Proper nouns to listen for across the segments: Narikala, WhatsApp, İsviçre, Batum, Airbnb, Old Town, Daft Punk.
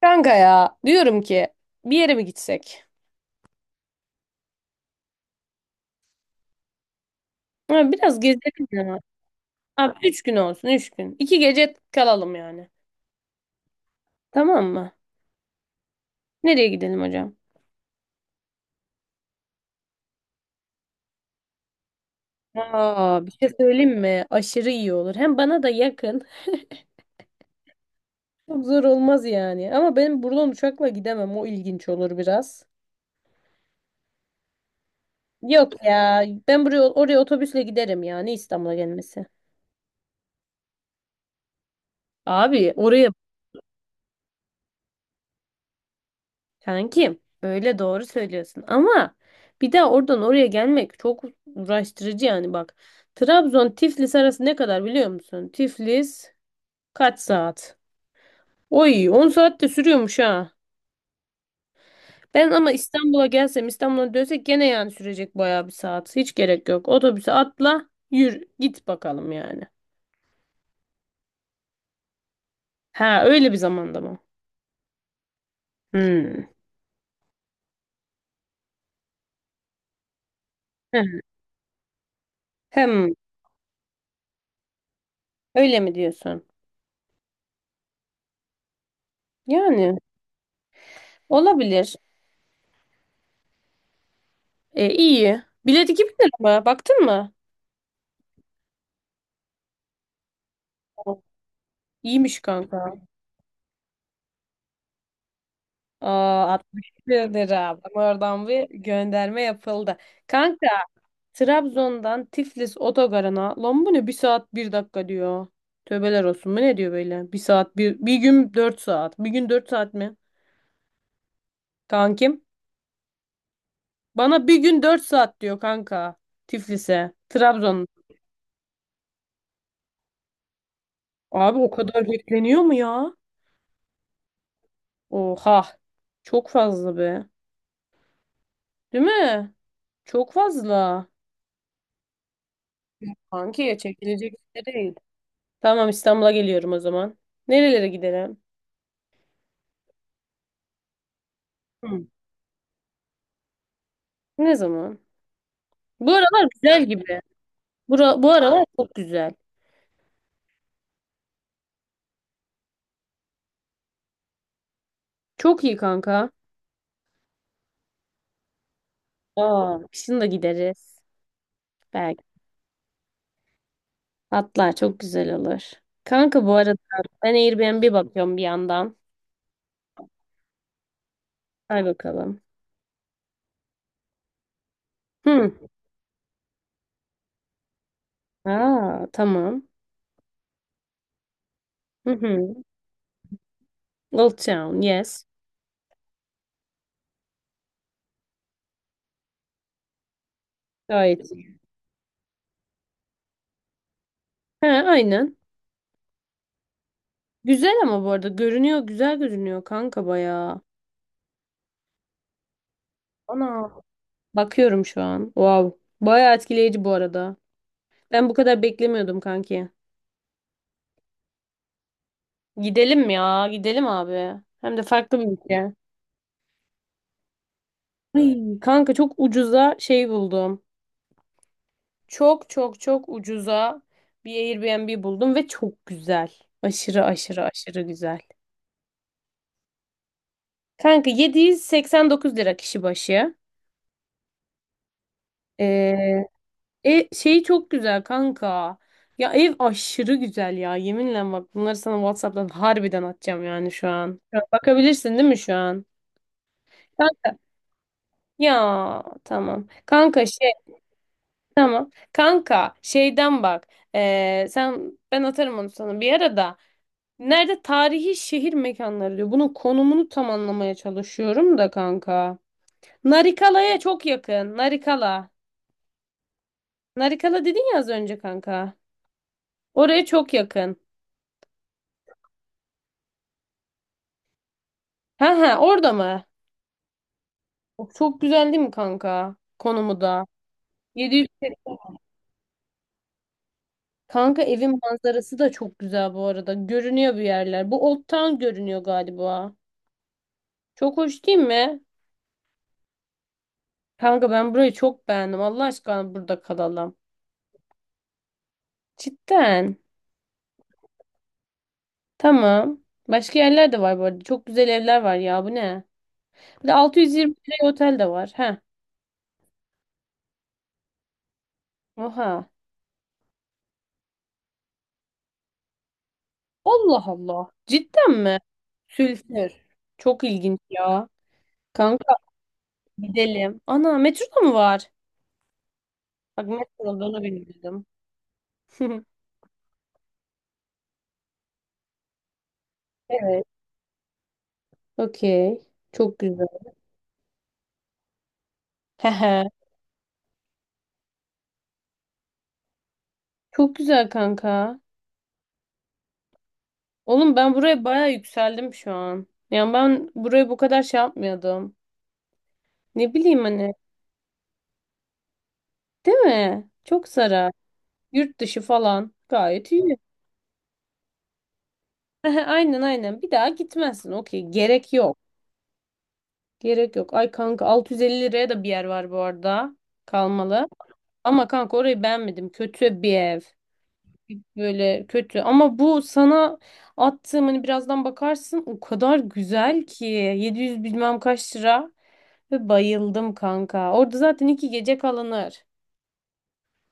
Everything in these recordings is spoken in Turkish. Kanka ya diyorum ki bir yere mi gitsek? Ha, biraz gezelim ya. Abi 3 gün olsun 3 gün. 2 gece kalalım yani. Tamam mı? Nereye gidelim hocam? Aa, bir şey söyleyeyim mi? Aşırı iyi olur. Hem bana da yakın. Çok zor olmaz yani. Ama benim buradan uçakla gidemem. O ilginç olur biraz. Yok ya. Ben buraya oraya otobüsle giderim yani İstanbul'a gelmesi. Abi oraya Kankim öyle doğru söylüyorsun ama bir daha oradan oraya gelmek çok uğraştırıcı yani bak. Trabzon Tiflis arası ne kadar biliyor musun? Tiflis kaç saat? Oy 10 saat de sürüyormuş ha. Ben ama İstanbul'a gelsem İstanbul'a dönsek gene yani sürecek bayağı bir saat. Hiç gerek yok. Otobüse atla yürü git bakalım yani. Ha öyle bir zamanda mı? Hmm. Heh. Hem Öyle mi diyorsun? Yani olabilir. E, iyi. Bilet 2.000 lira mı? Baktın mı? İyiymiş kanka. Aa, 62 lira. Bak oradan bir gönderme yapıldı. Kanka Trabzon'dan Tiflis otogarına lan bu ne 1 saat 1 dakika diyor. Tövbeler olsun. Bu ne diyor böyle? Bir saat bir, 1 gün 4 saat. 1 gün 4 saat mi? Kankim. Bana bir gün dört saat diyor kanka. Tiflis'e. Trabzon. Abi o kadar bekleniyor mu ya? Oha. Çok fazla be. Değil mi? Çok fazla. Kanki çekilecek bir şey değil. Tamam İstanbul'a geliyorum o zaman. Nerelere gidelim? Hı. Ne zaman? Bu aralar güzel gibi. Bu aralar çok güzel. Çok iyi kanka. Aa, kışın da gideriz. Belki. Hatta çok güzel olur. Kanka bu arada ben Airbnb bakıyorum bir yandan. Hay bakalım. Hı. Aa, tamam. Hı hı. Old Town, yes. Gayet iyi. He, aynen. Güzel ama bu arada görünüyor, güzel görünüyor kanka bayağı. Ana. Bakıyorum şu an. Wow. Bayağı etkileyici bu arada. Ben bu kadar beklemiyordum kanki. Gidelim ya. Gidelim abi. Hem de farklı bir ülke. Ay, kanka çok ucuza şey buldum. Çok çok çok ucuza bir Airbnb buldum ve çok güzel. Aşırı aşırı aşırı güzel. Kanka 789 lira kişi başı. Ee, şey çok güzel kanka. Ya ev aşırı güzel ya. Yeminle bak bunları sana WhatsApp'tan harbiden atacağım yani şu an. Şu an bakabilirsin değil mi şu an? Kan- Ya tamam. Kanka şey tamam. Kanka şeyden bak. Sen ben atarım onu sana bir ara da. Nerede tarihi şehir mekanları diyor. Bunun konumunu tam anlamaya çalışıyorum da kanka. Narikala'ya çok yakın. Narikala. Narikala dedin ya az önce kanka. Oraya çok yakın. Ha ha orada mı? Çok güzel değil mi kanka? Konumu da. 700 te- Kanka evin manzarası da çok güzel bu arada. Görünüyor bir yerler. Bu Old Town görünüyor galiba. Çok hoş değil mi? Kanka ben burayı çok beğendim. Allah aşkına burada kalalım. Cidden. Tamam. Başka yerler de var bu arada. Çok güzel evler var ya. Bu ne? Bir de 620 liraya otel de var. Heh. Oha. Allah Allah. Cidden mi? Sülfür. Çok ilginç ya. Kanka gidelim. Ana metroda mı var? Bak nasıl olduğunu bilmiyordum. Evet. Okey. Çok güzel. Hehe. Çok güzel kanka. Oğlum ben buraya baya yükseldim şu an. Yani ben buraya bu kadar şey yapmıyordum. Ne bileyim hani. Değil mi? Çok zarar. Yurt dışı falan. Gayet iyi. Aynen aynen. Bir daha gitmezsin. Okey. Gerek yok. Gerek yok. Ay kanka 650 liraya da bir yer var bu arada. Kalmalı. Ama kanka orayı beğenmedim. Kötü bir ev. Böyle kötü. Ama bu sana attığım hani birazdan bakarsın o kadar güzel ki 700 bilmem kaç lira ve bayıldım kanka. Orada zaten 2 gece kalınır.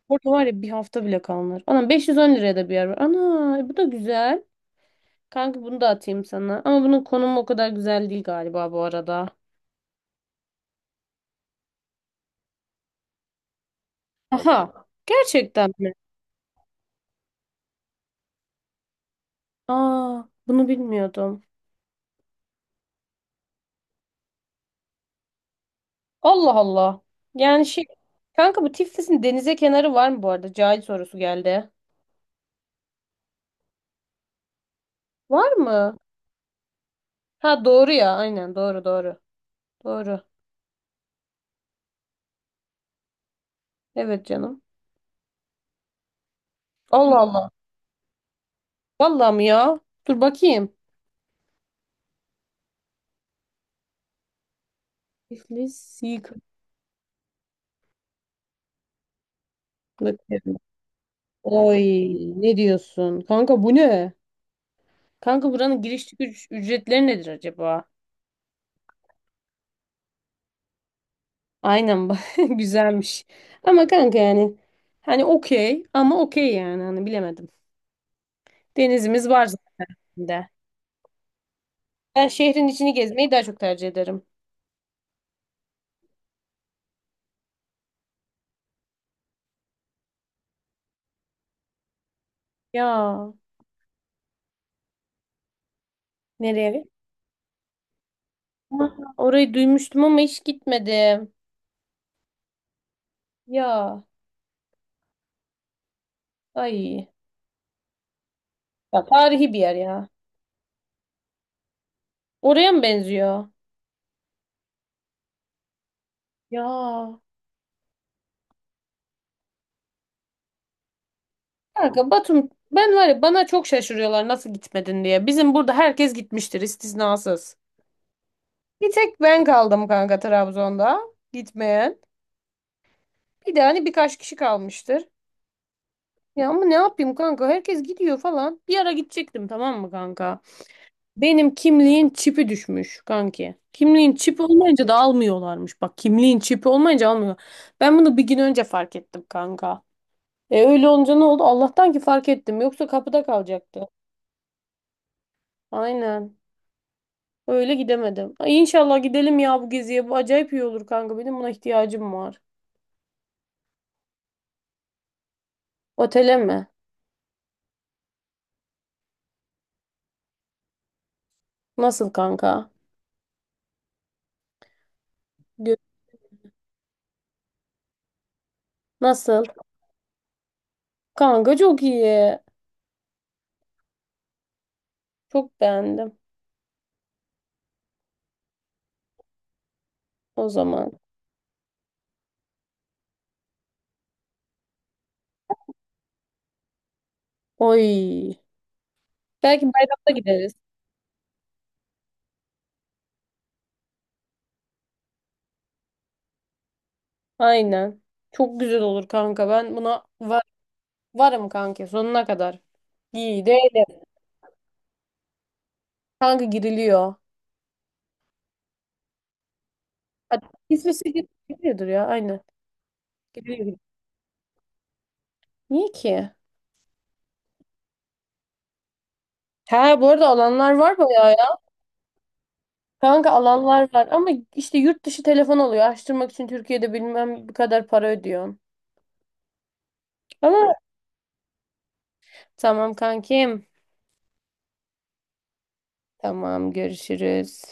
Orada var ya bir hafta bile kalınır. Anam 510 liraya da bir yer var. Ana bu da güzel. Kanka bunu da atayım sana. Ama bunun konumu o kadar güzel değil galiba bu arada. Aha. Gerçekten mi? Aa, bunu bilmiyordum. Allah Allah. Yani şey kanka bu Tiflis'in denize kenarı var mı bu arada? Cahil sorusu geldi. Var mı? Ha doğru ya aynen doğru doğru. Doğru. Evet canım. Allah Allah. Vallahi mi ya? Dur bakayım. İflis yıkıklık. Oy ne diyorsun? Kanka bu ne? Kanka buranın giriş çıkış ücretleri nedir acaba? Aynen bak güzelmiş. Ama kanka yani hani okey ama okey yani hani bilemedim. Denizimiz var zaten de. Ben şehrin içini gezmeyi daha çok tercih ederim. Ya nereye? Aha, orayı duymuştum ama hiç gitmedim. Ya ay. Ya tarihi bir yer ya. Oraya mı benziyor? Ya. Kanka Batum ben var ya bana çok şaşırıyorlar nasıl gitmedin diye. Bizim burada herkes gitmiştir istisnasız. Bir tek ben kaldım kanka Trabzon'da gitmeyen. Bir de hani birkaç kişi kalmıştır. Ya ama ne yapayım kanka herkes gidiyor falan. Bir ara gidecektim tamam mı kanka? Benim kimliğin çipi düşmüş kanki. Kimliğin çipi olmayınca da almıyorlarmış. Bak kimliğin çipi olmayınca almıyor. Ben bunu bir gün önce fark ettim kanka. E öyle olunca ne oldu? Allah'tan ki fark ettim. Yoksa kapıda kalacaktı. Aynen. Öyle gidemedim. Ay inşallah gidelim ya bu geziye. Bu acayip iyi olur kanka. Benim buna ihtiyacım var. Otele mi? Nasıl kanka? Gö- Nasıl? Kanka çok iyi. Çok beğendim. O zaman. Oy. Belki bayramda gideriz. Aynen. Çok güzel olur kanka. Ben buna varım kanka sonuna kadar. İyi değil. Kanka giriliyor. Hatta İsviçre giriliyordur ya. Aynen. Giriliyor. Niye ki? Ha bu arada alanlar var bayağı ya. Kanka alanlar var ama işte yurt dışı telefon oluyor. Açtırmak için Türkiye'de bilmem bu kadar para ödüyorsun. Ama tamam kankim. Tamam görüşürüz.